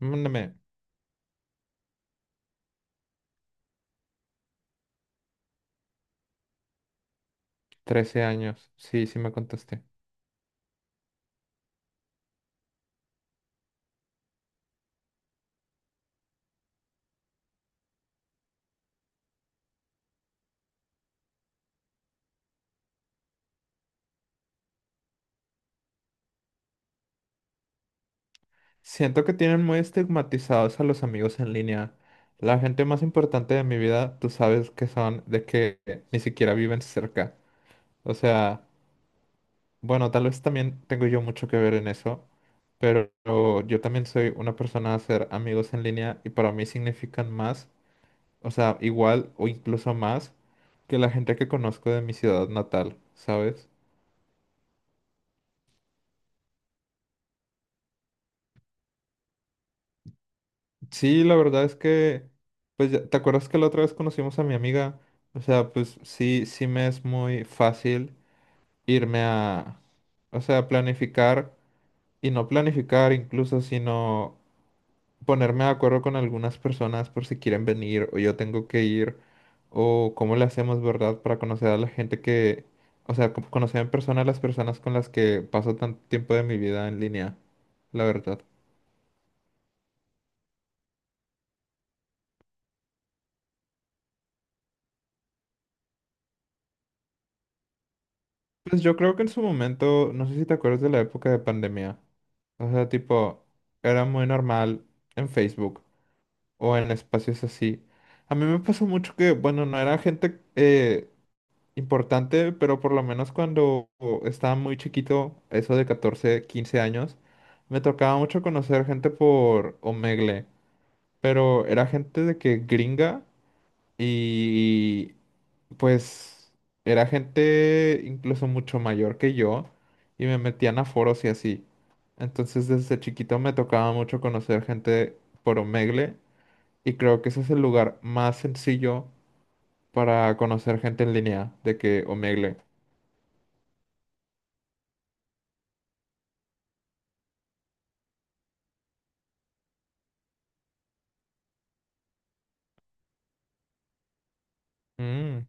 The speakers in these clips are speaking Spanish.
Mándame 13 años. Sí, sí me contesté. Siento que tienen muy estigmatizados a los amigos en línea. La gente más importante de mi vida, tú sabes que son de que ni siquiera viven cerca. O sea, bueno, tal vez también tengo yo mucho que ver en eso, pero yo también soy una persona a hacer amigos en línea y para mí significan más, o sea, igual o incluso más que la gente que conozco de mi ciudad natal, ¿sabes? Sí, la verdad es que, pues, ¿te acuerdas que la otra vez conocimos a mi amiga? O sea, pues sí, sí me es muy fácil irme a, o sea, planificar y no planificar incluso, sino ponerme de acuerdo con algunas personas por si quieren venir o yo tengo que ir o cómo le hacemos, ¿verdad? Para conocer a la gente que, o sea, conocer en persona a las personas con las que paso tanto tiempo de mi vida en línea, la verdad. Pues yo creo que en su momento, no sé si te acuerdas de la época de pandemia. O sea, tipo, era muy normal en Facebook o en espacios así. A mí me pasó mucho que, bueno, no era gente importante, pero por lo menos cuando estaba muy chiquito, eso de 14 15 años, me tocaba mucho conocer gente por Omegle, pero era gente de que gringa y pues era gente incluso mucho mayor que yo y me metían a foros y así. Entonces desde chiquito me tocaba mucho conocer gente por Omegle y creo que ese es el lugar más sencillo para conocer gente en línea de que Omegle. Mm,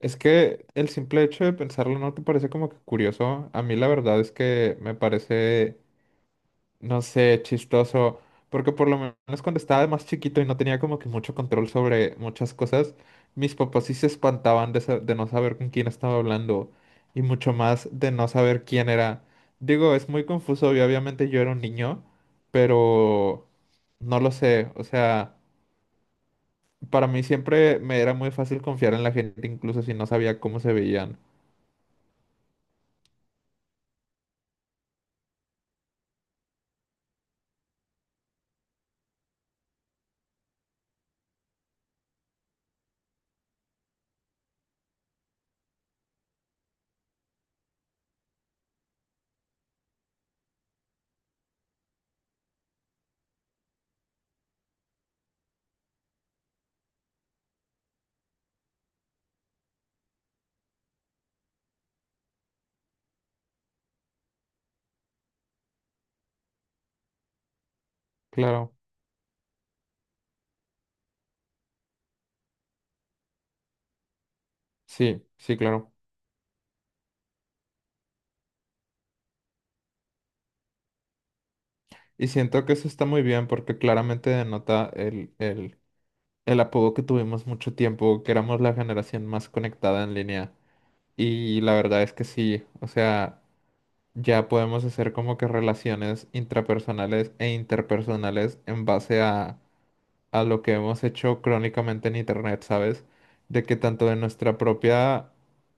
Es que el simple hecho de pensarlo no te parece como que curioso. A mí la verdad es que me parece no sé, chistoso, porque por lo menos cuando estaba más chiquito y no tenía como que mucho control sobre muchas cosas, mis papás sí se espantaban de no saber con quién estaba hablando y mucho más de no saber quién era. Digo, es muy confuso y obviamente yo era un niño, pero no lo sé, o sea, para mí siempre me era muy fácil confiar en la gente, incluso si no sabía cómo se veían. Claro, sí, sí, claro. Y siento que eso está muy bien porque claramente denota el apodo que tuvimos mucho tiempo, que éramos la generación más conectada en línea. Y la verdad es que sí, o sea, ya podemos hacer como que relaciones intrapersonales e interpersonales en base a lo que hemos hecho crónicamente en internet, ¿sabes? De que tanto de nuestra propia,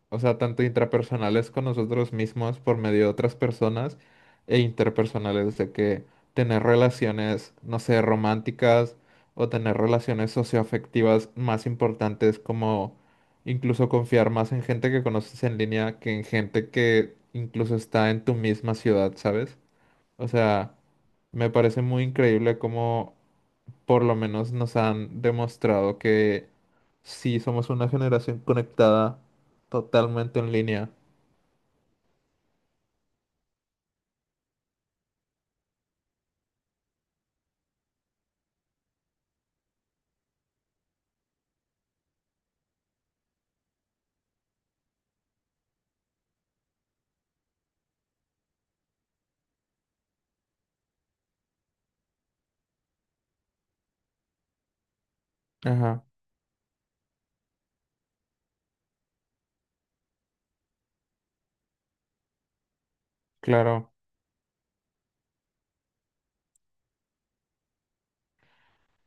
o sea, tanto intrapersonales con nosotros mismos por medio de otras personas e interpersonales, de que tener relaciones, no sé, románticas o tener relaciones socioafectivas más importantes como incluso confiar más en gente que conoces en línea que en gente que incluso está en tu misma ciudad, ¿sabes? O sea, me parece muy increíble cómo por lo menos nos han demostrado que sí somos una generación conectada totalmente en línea. Ajá, claro.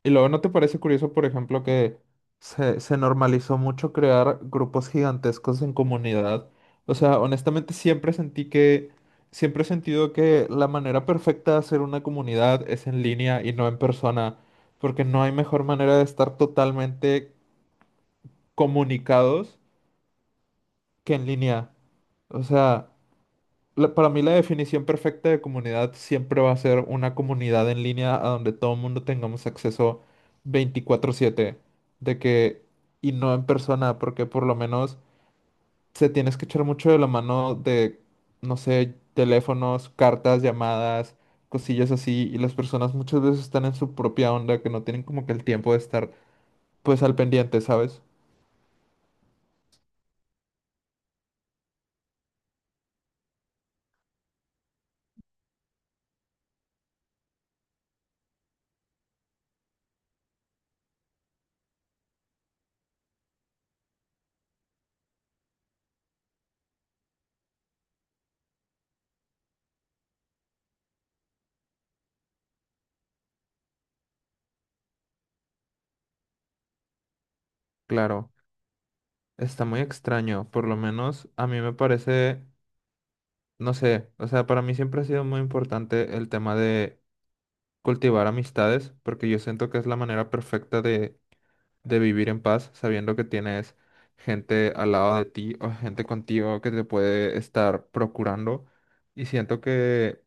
Y luego, ¿no te parece curioso, por ejemplo, que se normalizó mucho crear grupos gigantescos en comunidad? O sea, honestamente siempre sentí que, siempre he sentido que la manera perfecta de hacer una comunidad es en línea y no en persona, porque no hay mejor manera de estar totalmente comunicados que en línea. O sea, para mí la definición perfecta de comunidad siempre va a ser una comunidad en línea a donde todo el mundo tengamos acceso 24/7, de que, y no en persona, porque por lo menos se tienes que echar mucho de la mano de, no sé, teléfonos, cartas, llamadas, cosillas así, y las personas muchas veces están en su propia onda, que no tienen como que el tiempo de estar pues al pendiente, ¿sabes? Claro, está muy extraño, por lo menos a mí me parece... no sé, o sea, para mí siempre ha sido muy importante el tema de cultivar amistades, porque yo siento que es la manera perfecta de vivir en paz, sabiendo que tienes gente al lado de ti o gente contigo que te puede estar procurando. Y siento que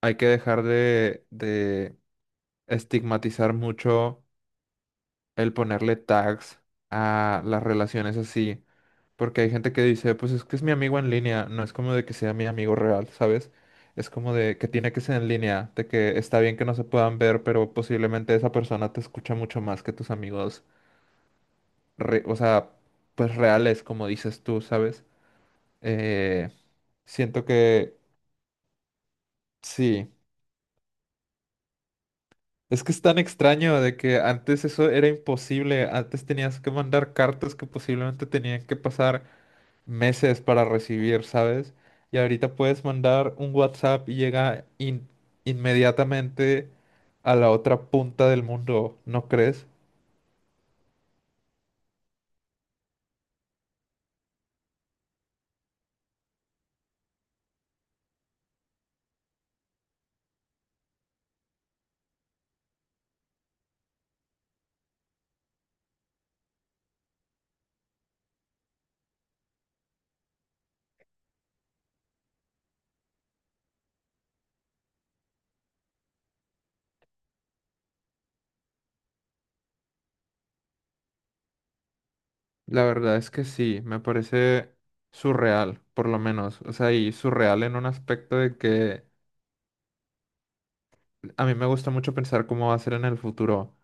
hay que dejar de estigmatizar mucho el ponerle tags a las relaciones así. Porque hay gente que dice, pues es que es mi amigo en línea, no es como de que sea mi amigo real, ¿sabes? Es como de que tiene que ser en línea, de que está bien que no se puedan ver, pero posiblemente esa persona te escucha mucho más que tus amigos, o sea, pues reales, como dices tú, ¿sabes? Eh, siento que sí. Es que es tan extraño de que antes eso era imposible, antes tenías que mandar cartas que posiblemente tenían que pasar. Meses para recibir, ¿sabes? Y ahorita puedes mandar un WhatsApp y llega inmediatamente a la otra punta del mundo, ¿no crees? La verdad es que sí, me parece surreal, por lo menos. O sea, y surreal en un aspecto de que a mí me gusta mucho pensar cómo va a ser en el futuro.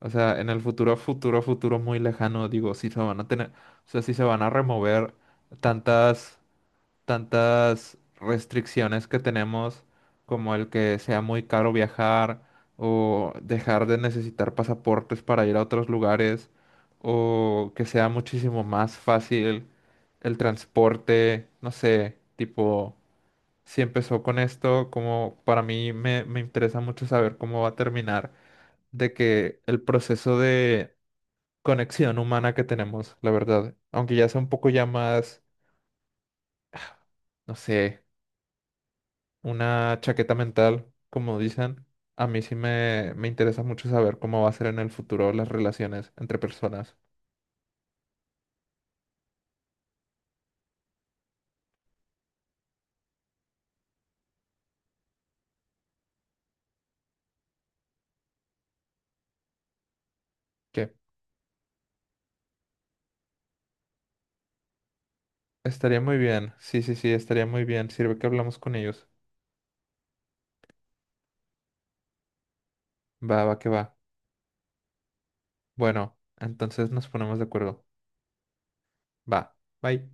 O sea, en el futuro, futuro, futuro muy lejano, digo, si se van a tener, o sea, si se van a remover tantas tantas restricciones que tenemos, como el que sea muy caro viajar o dejar de necesitar pasaportes para ir a otros lugares, o que sea muchísimo más fácil el transporte, no sé, tipo, si empezó con esto, como para mí me interesa mucho saber cómo va a terminar, de que el proceso de conexión humana que tenemos, la verdad, aunque ya sea un poco ya más... No sé, una chaqueta mental, como dicen. A mí sí me interesa mucho saber cómo va a ser en el futuro las relaciones entre personas. Que estaría muy bien. Sí, sí, sí, estaría muy bien. Sirve que hablamos con ellos. Va, va, que va. Bueno, entonces nos ponemos de acuerdo. Va. Bye.